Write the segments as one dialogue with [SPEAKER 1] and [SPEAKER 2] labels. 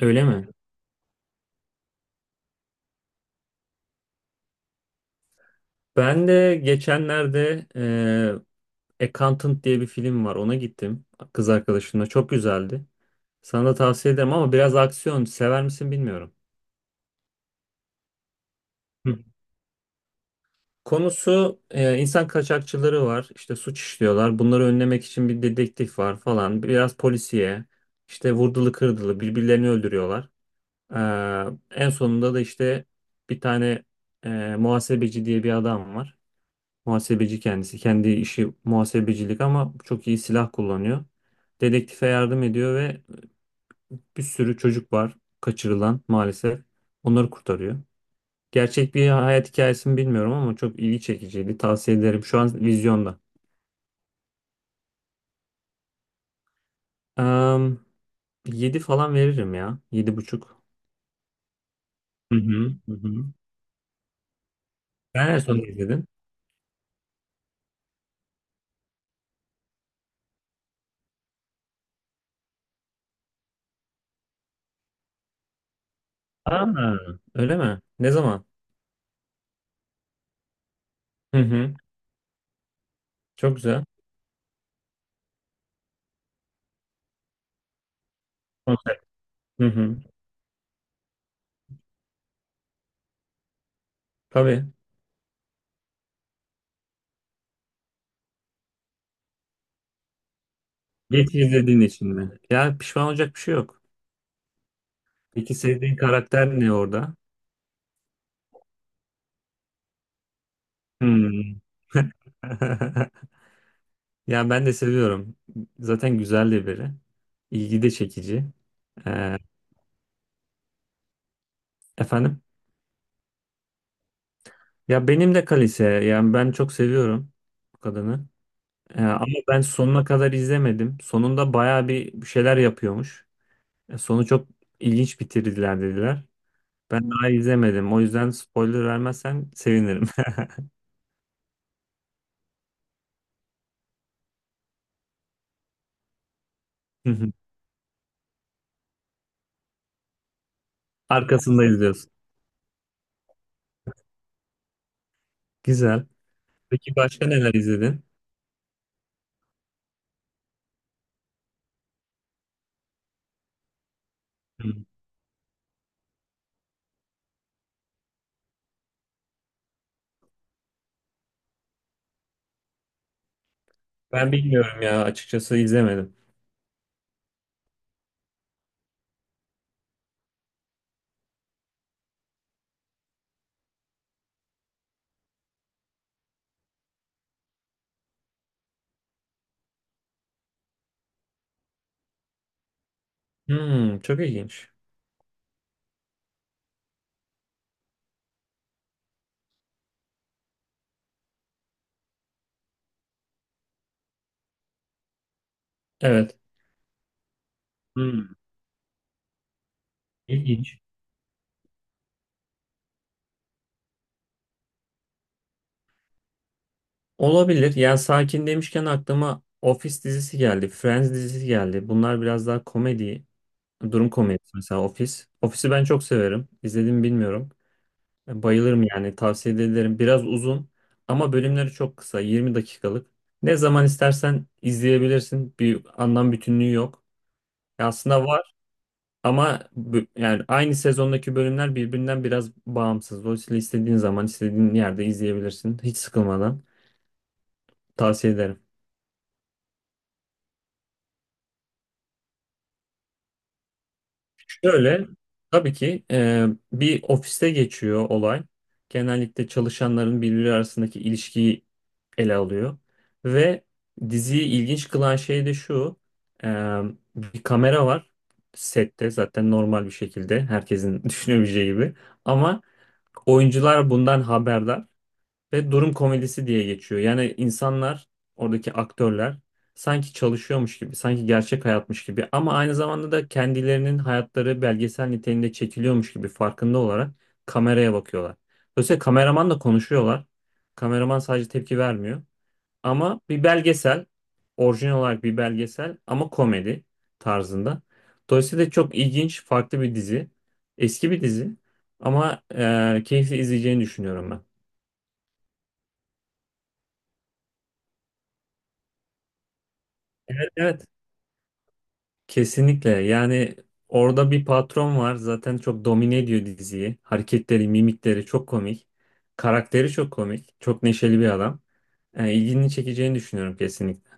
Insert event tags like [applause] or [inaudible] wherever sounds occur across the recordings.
[SPEAKER 1] Öyle mi? Ben de geçenlerde Accountant diye bir film var. Ona gittim kız arkadaşımla. Çok güzeldi. Sana da tavsiye ederim ama biraz aksiyon. Sever misin bilmiyorum. Hı. Konusu insan kaçakçıları var. İşte suç işliyorlar. Bunları önlemek için bir dedektif var falan. Biraz polisiye. İşte vurdulu kırdılı birbirlerini öldürüyorlar. E, en sonunda da işte bir tane muhasebeci diye bir adam var. Muhasebeci kendisi. Kendi işi muhasebecilik ama çok iyi silah kullanıyor. Dedektife yardım ediyor ve bir sürü çocuk var kaçırılan maalesef. Onları kurtarıyor. Gerçek bir hayat hikayesi mi bilmiyorum ama çok ilgi çekiciydi. Tavsiye ederim. Şu an vizyonda. Um, 7 falan veririm ya. 7,5. Hı hı, hı hı. Sen en son ne izledin? Aa, öyle mi? Ne zaman? Hı hı. Çok güzel. Konser. Hı hı. Tabii. Geç izlediğin için mi? Ya pişman olacak bir şey yok. Peki sevdiğin karakter ne orada? Hmm. [laughs] Ya ben de seviyorum. Zaten güzel de biri. İlgi de çekici. Ee, efendim? Ya benim de Kalise. Yani ben çok seviyorum bu kadını. Ama ben sonuna kadar izlemedim. Sonunda bayağı bir şeyler yapıyormuş. Sonu çok ilginç bitirdiler dediler. Ben daha izlemedim. O yüzden spoiler vermezsen sevinirim. [laughs] Arkasında izliyorsun. Güzel. Peki başka neler izledin? Ben bilmiyorum ya açıkçası izlemedim. Hmm, çok ilginç. Evet. Hmm, ilginç. Olabilir. Yani sakin demişken aklıma Office dizisi geldi. Friends dizisi geldi. Bunlar biraz daha komedi. Durum komedisi mesela Office. Office'i ben çok severim. İzledim mi bilmiyorum. Bayılırım yani tavsiye ederim. Biraz uzun ama bölümleri çok kısa. 20 dakikalık. Ne zaman istersen izleyebilirsin. Bir anlam bütünlüğü yok. Ya aslında var, ama yani aynı sezondaki bölümler birbirinden biraz bağımsız. Dolayısıyla istediğin zaman istediğin yerde izleyebilirsin. Hiç sıkılmadan tavsiye ederim. Şöyle, tabii ki bir ofiste geçiyor olay. Genellikle çalışanların birbiri arasındaki ilişkiyi ele alıyor. Ve diziyi ilginç kılan şey de şu: e, bir kamera var sette zaten normal bir şekilde herkesin [laughs] düşünebileceği gibi. Ama oyuncular bundan haberdar. Ve durum komedisi diye geçiyor. Yani insanlar, oradaki aktörler sanki çalışıyormuş gibi, sanki gerçek hayatmış gibi ama aynı zamanda da kendilerinin hayatları belgesel niteliğinde çekiliyormuş gibi farkında olarak kameraya bakıyorlar. Dolayısıyla kameramanla konuşuyorlar. Kameraman sadece tepki vermiyor. Ama bir belgesel, orijinal olarak bir belgesel ama komedi tarzında. Dolayısıyla çok ilginç, farklı bir dizi. Eski bir dizi ama keyifli izleyeceğini düşünüyorum ben. Evet. Kesinlikle. Yani orada bir patron var. Zaten çok domine ediyor diziyi. Hareketleri, mimikleri çok komik. Karakteri çok komik. Çok neşeli bir adam. Yani ilgini çekeceğini düşünüyorum kesinlikle.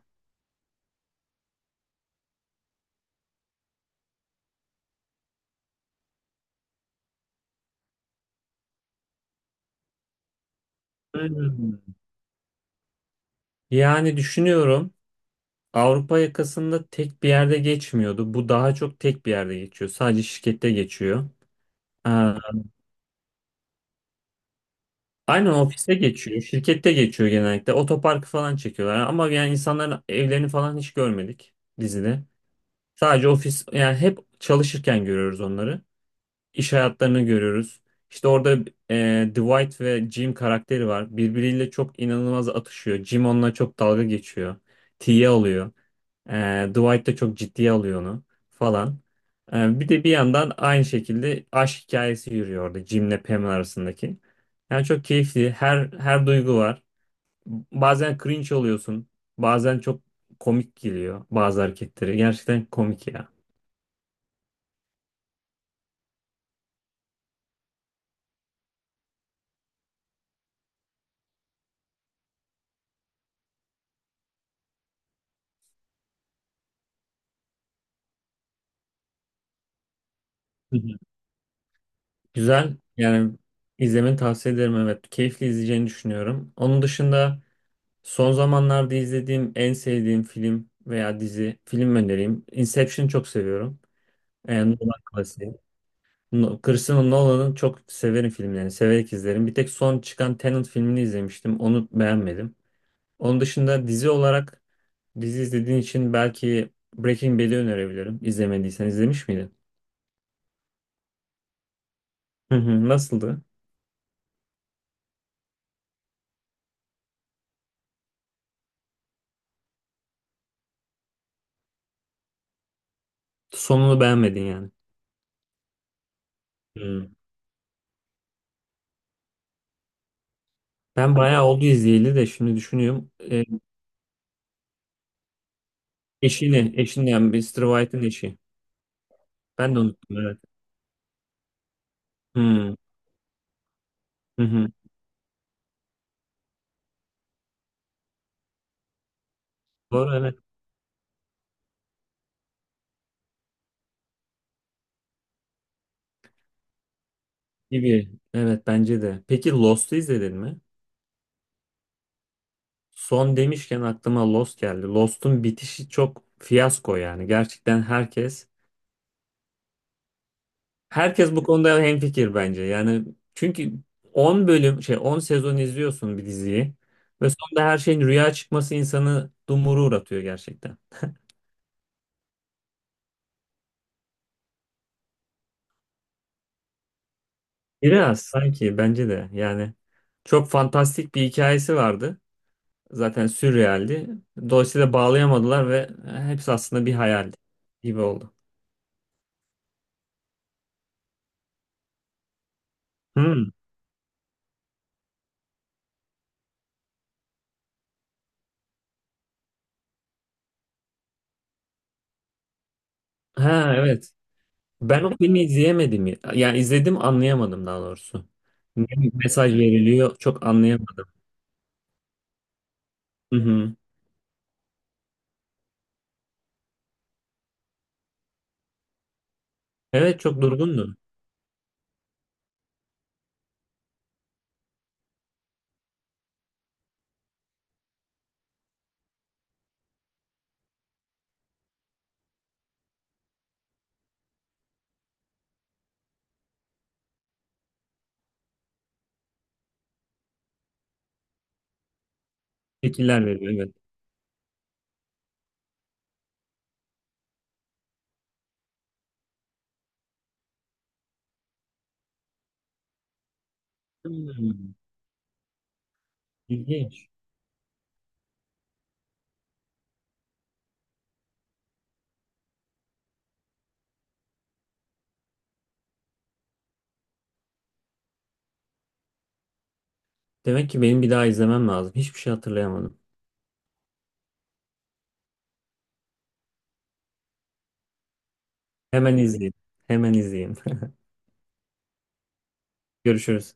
[SPEAKER 1] Hmm. Yani düşünüyorum, Avrupa yakasında tek bir yerde geçmiyordu. Bu daha çok tek bir yerde geçiyor. Sadece şirkette geçiyor. Aa, aynen ofiste geçiyor. Şirkette geçiyor genellikle. Otoparkı falan çekiyorlar. Ama yani insanların evlerini falan hiç görmedik dizide. Sadece ofis, yani hep çalışırken görüyoruz onları. İş hayatlarını görüyoruz. İşte orada Dwight ve Jim karakteri var. Birbiriyle çok inanılmaz atışıyor. Jim onunla çok dalga geçiyor. T'ye alıyor. E, Dwight da çok ciddiye alıyor onu falan. Bir de bir yandan aynı şekilde aşk hikayesi yürüyor orada Jim'le Pam arasındaki. Yani çok keyifli. Her duygu var. Bazen cringe oluyorsun. Bazen çok komik geliyor bazı hareketleri. Gerçekten komik ya. Hı hı. Güzel. Yani izlemeni tavsiye ederim, evet. Keyifli izleyeceğini düşünüyorum. Onun dışında, son zamanlarda izlediğim en sevdiğim film veya dizi, film önereyim. Inception'ı çok seviyorum. Yani Nolan klasiği. Christopher Nolan'ın çok severim filmlerini, severek izlerim. Bir tek son çıkan Tenet filmini izlemiştim. Onu beğenmedim. Onun dışında dizi olarak, dizi izlediğin için belki Breaking Bad'i önerebilirim. İzlemediysen, izlemiş miydin? Hı hı, nasıldı? Sonunu beğenmedin yani. Hı. Ben bayağı oldu izleyeli de şimdi düşünüyorum. Eşini, yani Mr. White'ın eşi. Ben de unuttum, evet. Hmm, hı hı. Doğru, evet, gibi. Evet, bence de. Peki Lost'u izledin mi? Son demişken aklıma Lost geldi. Lost'un bitişi çok fiyasko yani. Gerçekten herkes bu konuda hemfikir bence. Yani çünkü 10 bölüm şey, 10 sezon izliyorsun bir diziyi ve sonunda her şeyin rüya çıkması insanı dumuru uğratıyor gerçekten. Biraz sanki, bence de yani, çok fantastik bir hikayesi vardı. Zaten sürrealdi. Dolayısıyla bağlayamadılar ve hepsi aslında bir hayal gibi oldu. Hmm. Ha, evet. Ben o filmi izleyemedim ya. Yani izledim, anlayamadım daha doğrusu. Ne mesaj veriliyor çok anlayamadım. Hı hı. Evet, çok durgundu. Fikirler veriyor, evet. Hmm. İlginç. Demek ki benim bir daha izlemem lazım. Hiçbir şey hatırlayamadım. Hemen izleyeyim. Hemen izleyeyim. [laughs] Görüşürüz.